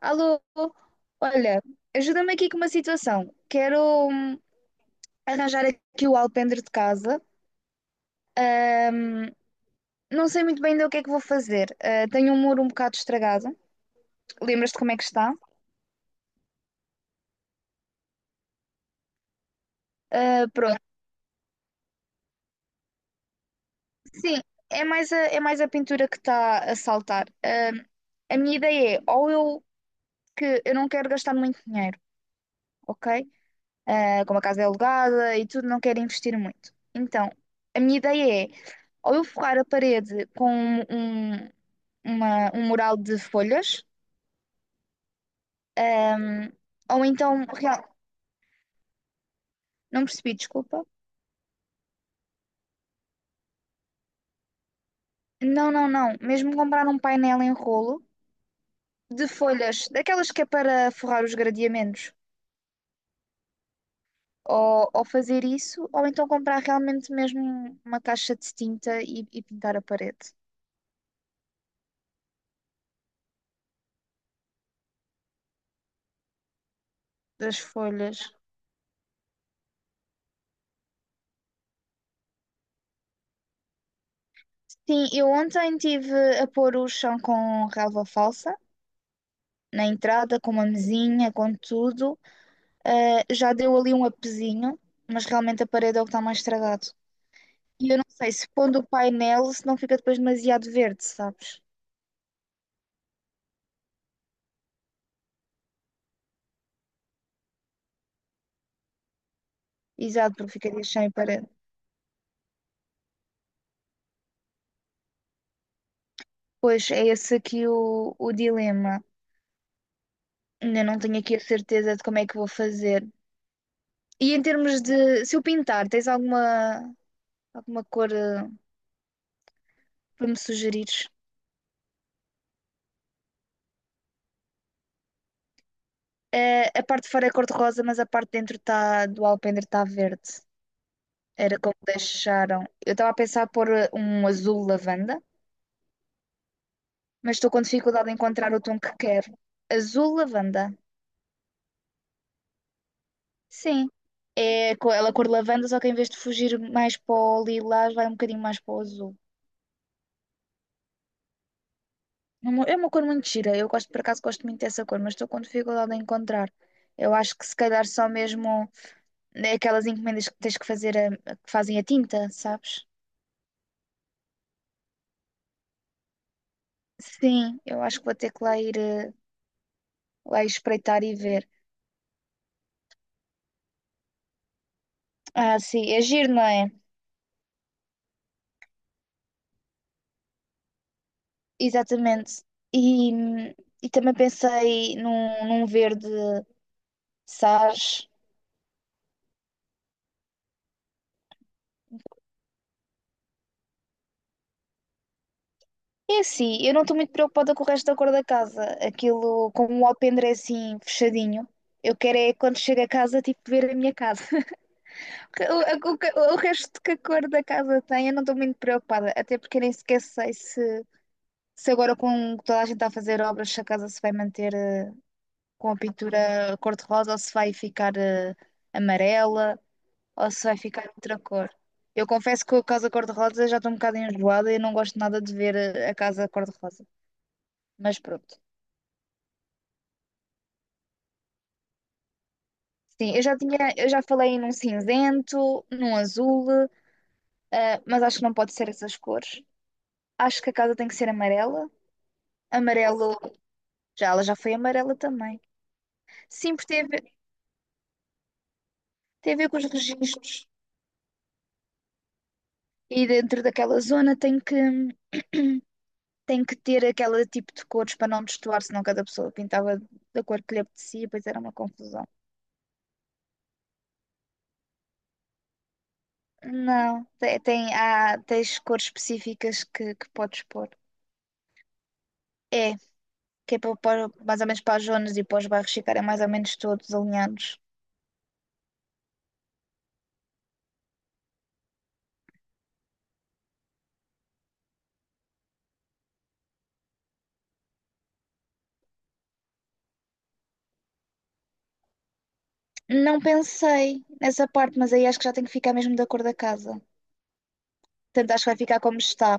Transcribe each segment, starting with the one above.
Alô, olha, ajuda-me aqui com uma situação. Quero hum, arranjar aqui o alpendre de casa. Não sei muito bem ainda o que é que vou fazer. Tenho um muro um bocado estragado. Lembras-te como é que está? Ah, pronto. Sim, é mais a pintura que está a saltar. A minha ideia é, ou eu que eu não quero gastar muito dinheiro, ok? Ah, como a casa é alugada e tudo, não quero investir muito. Então, a minha ideia é ou eu forrar a parede com um um mural de folhas, ahm, ou então, não percebi, desculpa. Não, não, não, mesmo comprar um painel em rolo de folhas, daquelas que é para forrar os gradeamentos, ou fazer isso, ou então comprar realmente mesmo uma caixa de tinta e pintar a parede das folhas. Sim, eu ontem tive a pôr o chão com relva falsa. Na entrada, com uma mesinha, com tudo. Ah, já deu ali um apesinho, mas realmente a parede é o que está mais estragado. E eu não sei se pondo o painel, se não fica depois demasiado verde, sabes? Exato, porque ficaria sem parede. Pois é esse aqui o dilema. Ainda não tenho aqui a certeza de como é que vou fazer. E em termos de, se eu pintar, tens alguma, alguma cor para me sugerires? A parte de fora é cor-de-rosa, mas a parte de dentro tá, do alpendre está verde. Era como deixaram. Eu estava a pensar pôr um azul lavanda, mas estou com dificuldade em encontrar o tom que quero. Azul lavanda. Sim. Ela cor lavanda, só que em vez de fugir mais para o lilás, vai um bocadinho mais para o azul. É uma cor muito gira. Eu gosto, por acaso, gosto muito dessa cor, mas estou com dificuldade em encontrar. Eu acho que se calhar só mesmo é aquelas encomendas que tens que fazer, que fazem a tinta, sabes? Sim, eu acho que vou ter que lá ir, lá ir espreitar e ver. Ah, sim, é giro, não é? Exatamente. E, e também pensei num verde sage. É assim, eu não estou muito preocupada com o resto da cor da casa. Aquilo, como o alpendre é assim, fechadinho, eu quero é quando chego a casa, tipo, ver a minha casa. O, o resto que a cor da casa tem, eu não estou muito preocupada. Até porque eu nem sequer sei se, se agora com toda a gente a fazer obras, se a casa se vai manter com a pintura cor-de-rosa ou se vai ficar amarela ou se vai ficar outra cor. Eu confesso que com a casa cor-de-rosa já estou um bocado enjoada e não gosto nada de ver a casa cor-de-rosa. Mas pronto. Sim, eu já tinha, eu já falei num cinzento, num azul, mas acho que não pode ser essas cores. Acho que a casa tem que ser amarela. Amarelo, já ela já foi amarela também. Sim, porque tem a ver com os registros. E dentro daquela zona tem que ter aquele tipo de cores para não destoar, senão cada pessoa pintava da cor que lhe apetecia, pois era uma confusão. Não, tem, tem, há, tens cores específicas que podes pôr. É que é para, mais ou menos para as zonas e para os bairros ficarem mais ou menos todos alinhados. Não pensei nessa parte, mas aí acho que já tem que ficar mesmo da cor da casa. Portanto, acho que vai ficar como está.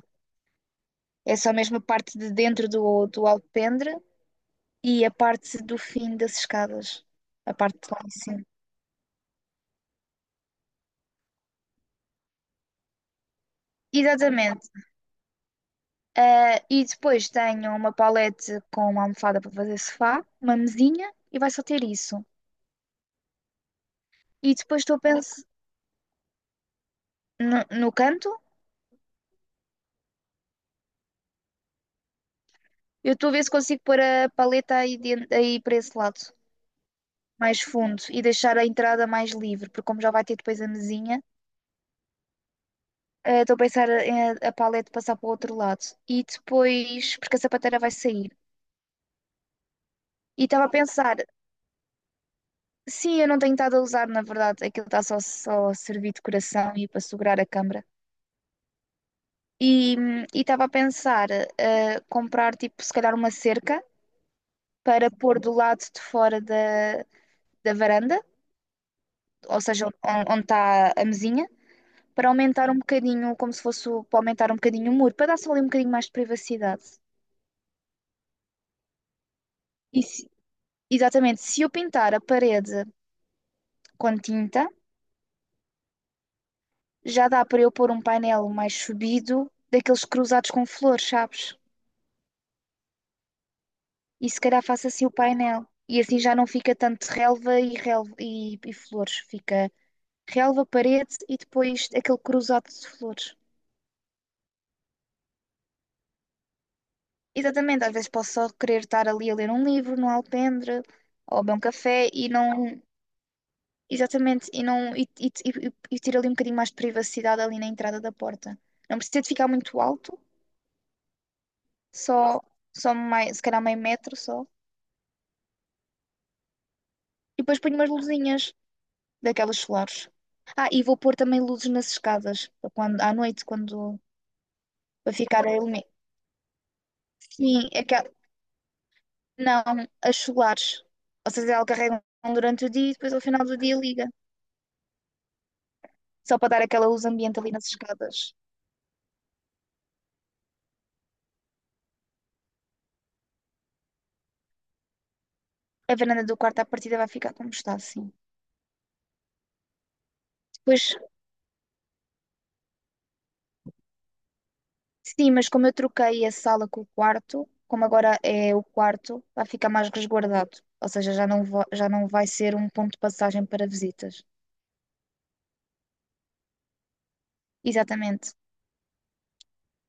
É só mesmo a parte de dentro do alpendre e a parte do fim das escadas. A parte de lá em cima. Exatamente. Ah, e depois tenho uma palete com uma almofada para fazer sofá, uma mesinha e vai só ter isso. E depois estou a pensar no canto. Eu estou a ver se consigo pôr a paleta aí, dentro, aí para esse lado, mais fundo, e deixar a entrada mais livre, porque como já vai ter depois a mesinha, estou a pensar em a paleta passar para o outro lado. E depois, porque a sapateira vai sair. E estava a pensar, sim, eu não tenho estado a usar, na verdade, aquilo está só, só a servir de coração e para segurar a câmara. E estava a pensar comprar, tipo, se calhar uma cerca para pôr do lado de fora da varanda, ou seja, onde está a mesinha para aumentar um bocadinho, como se fosse para aumentar um bocadinho o muro, para dar só ali um bocadinho mais de privacidade. E se- exatamente, se eu pintar a parede com tinta, já dá para eu pôr um painel mais subido, daqueles cruzados com flores, sabes? E se calhar faço assim o painel. E assim já não fica tanto relva e, relva e flores. Fica relva, parede e depois aquele cruzado de flores. Exatamente, às vezes posso só querer estar ali a ler um livro no alpendre ou a beber um café e não. Exatamente, e, não, e ter ali um bocadinho mais de privacidade ali na entrada da porta. Não precisa de ficar muito alto, só, só mais, se calhar meio metro só. E depois ponho umas luzinhas daquelas solares. Ah, e vou pôr também luzes nas escadas, para quando, à noite, quando para ficar a iluminar. Sim, aquela, não, as solares. Ou seja, ela carrega durante o dia e depois ao final do dia liga. Só para dar aquela luz ambiente ali nas escadas. A varanda do quarto à partida vai ficar como está, assim. Depois sim, mas como eu troquei a sala com o quarto, como agora é o quarto, vai ficar mais resguardado. Ou seja, já não, já não vai ser um ponto de passagem para visitas. Exatamente.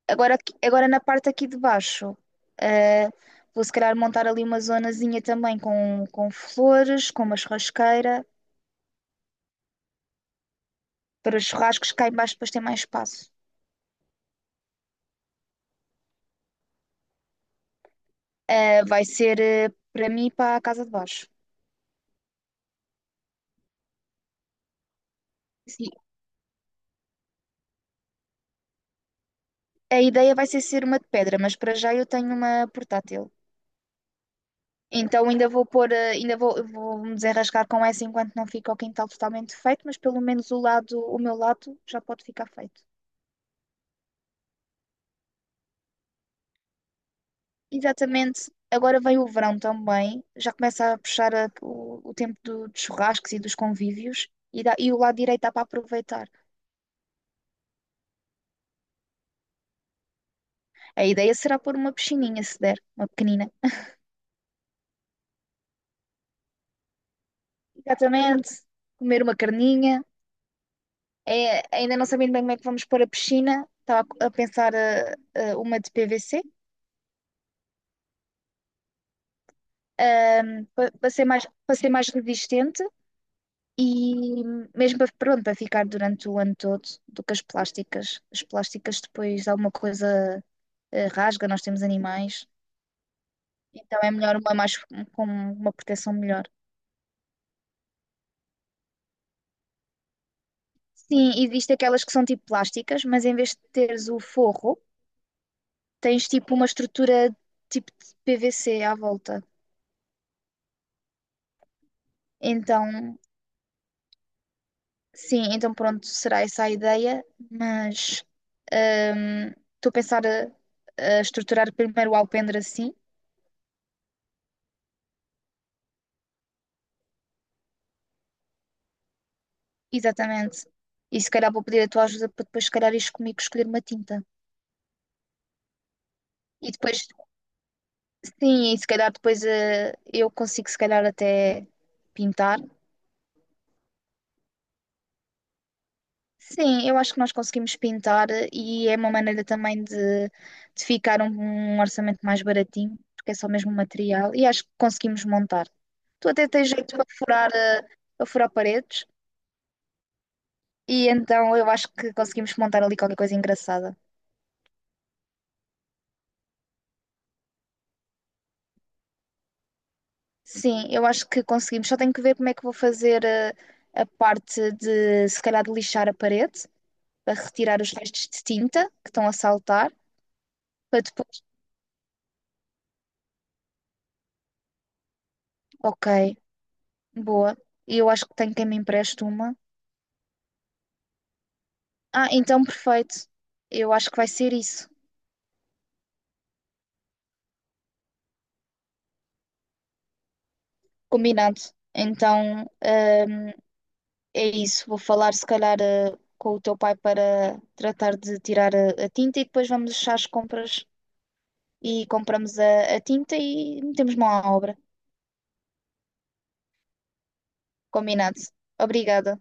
Agora, agora na parte aqui de baixo, eh, vou se calhar montar ali uma zonazinha também com flores, com uma churrasqueira, para os churrascos cá em baixo depois ter mais espaço. Vai ser, para mim, para a casa de baixo. Sim, a ideia vai ser ser uma de pedra, mas para já eu tenho uma portátil. Então ainda vou pôr, ainda vou, vou me desenrascar com essa enquanto não fica o quintal totalmente feito, mas pelo menos o lado, o meu lado já pode ficar feito. Exatamente. Agora vem o verão também, já começa a puxar o tempo dos churrascos e dos convívios e o lado direito dá para aproveitar. A ideia será pôr uma piscininha, se der, uma pequenina. Exatamente. Comer uma carninha. É, ainda não sabendo bem como é que vamos pôr a piscina, estava a pensar uma de PVC para ser mais resistente e mesmo para, pronto, para ficar durante o ano todo do que as plásticas. As plásticas depois alguma coisa rasga, nós temos animais, então é melhor uma mais um, com uma proteção melhor. Sim, existem aquelas que são tipo plásticas, mas em vez de teres o forro, tens tipo uma estrutura tipo de PVC à volta. Então sim, então pronto, será essa a ideia, mas hum, estou a pensar a estruturar primeiro o alpendre assim, exatamente. E se calhar vou pedir a tua ajuda para depois, se calhar, ires comigo escolher uma tinta. E depois, sim, e se calhar depois eu consigo, se calhar, até pintar. Sim, eu acho que nós conseguimos pintar e é uma maneira também de ficar um orçamento mais baratinho, porque é só mesmo material, e acho que conseguimos montar. Tu até tens jeito para furar, para furar paredes, e então eu acho que conseguimos montar ali qualquer coisa engraçada. Sim, eu acho que conseguimos. Só tenho que ver como é que vou fazer a parte de, se calhar, de lixar a parede, para retirar os restos de tinta que estão a saltar, para depois. Ok, boa. E eu acho que tenho quem me empreste uma. Ah, então perfeito. Eu acho que vai ser isso. Combinado. Então, é isso. Vou falar se calhar com o teu pai para tratar de tirar a tinta e depois vamos deixar as compras e compramos a tinta e metemos mão à obra. Combinado. Obrigada.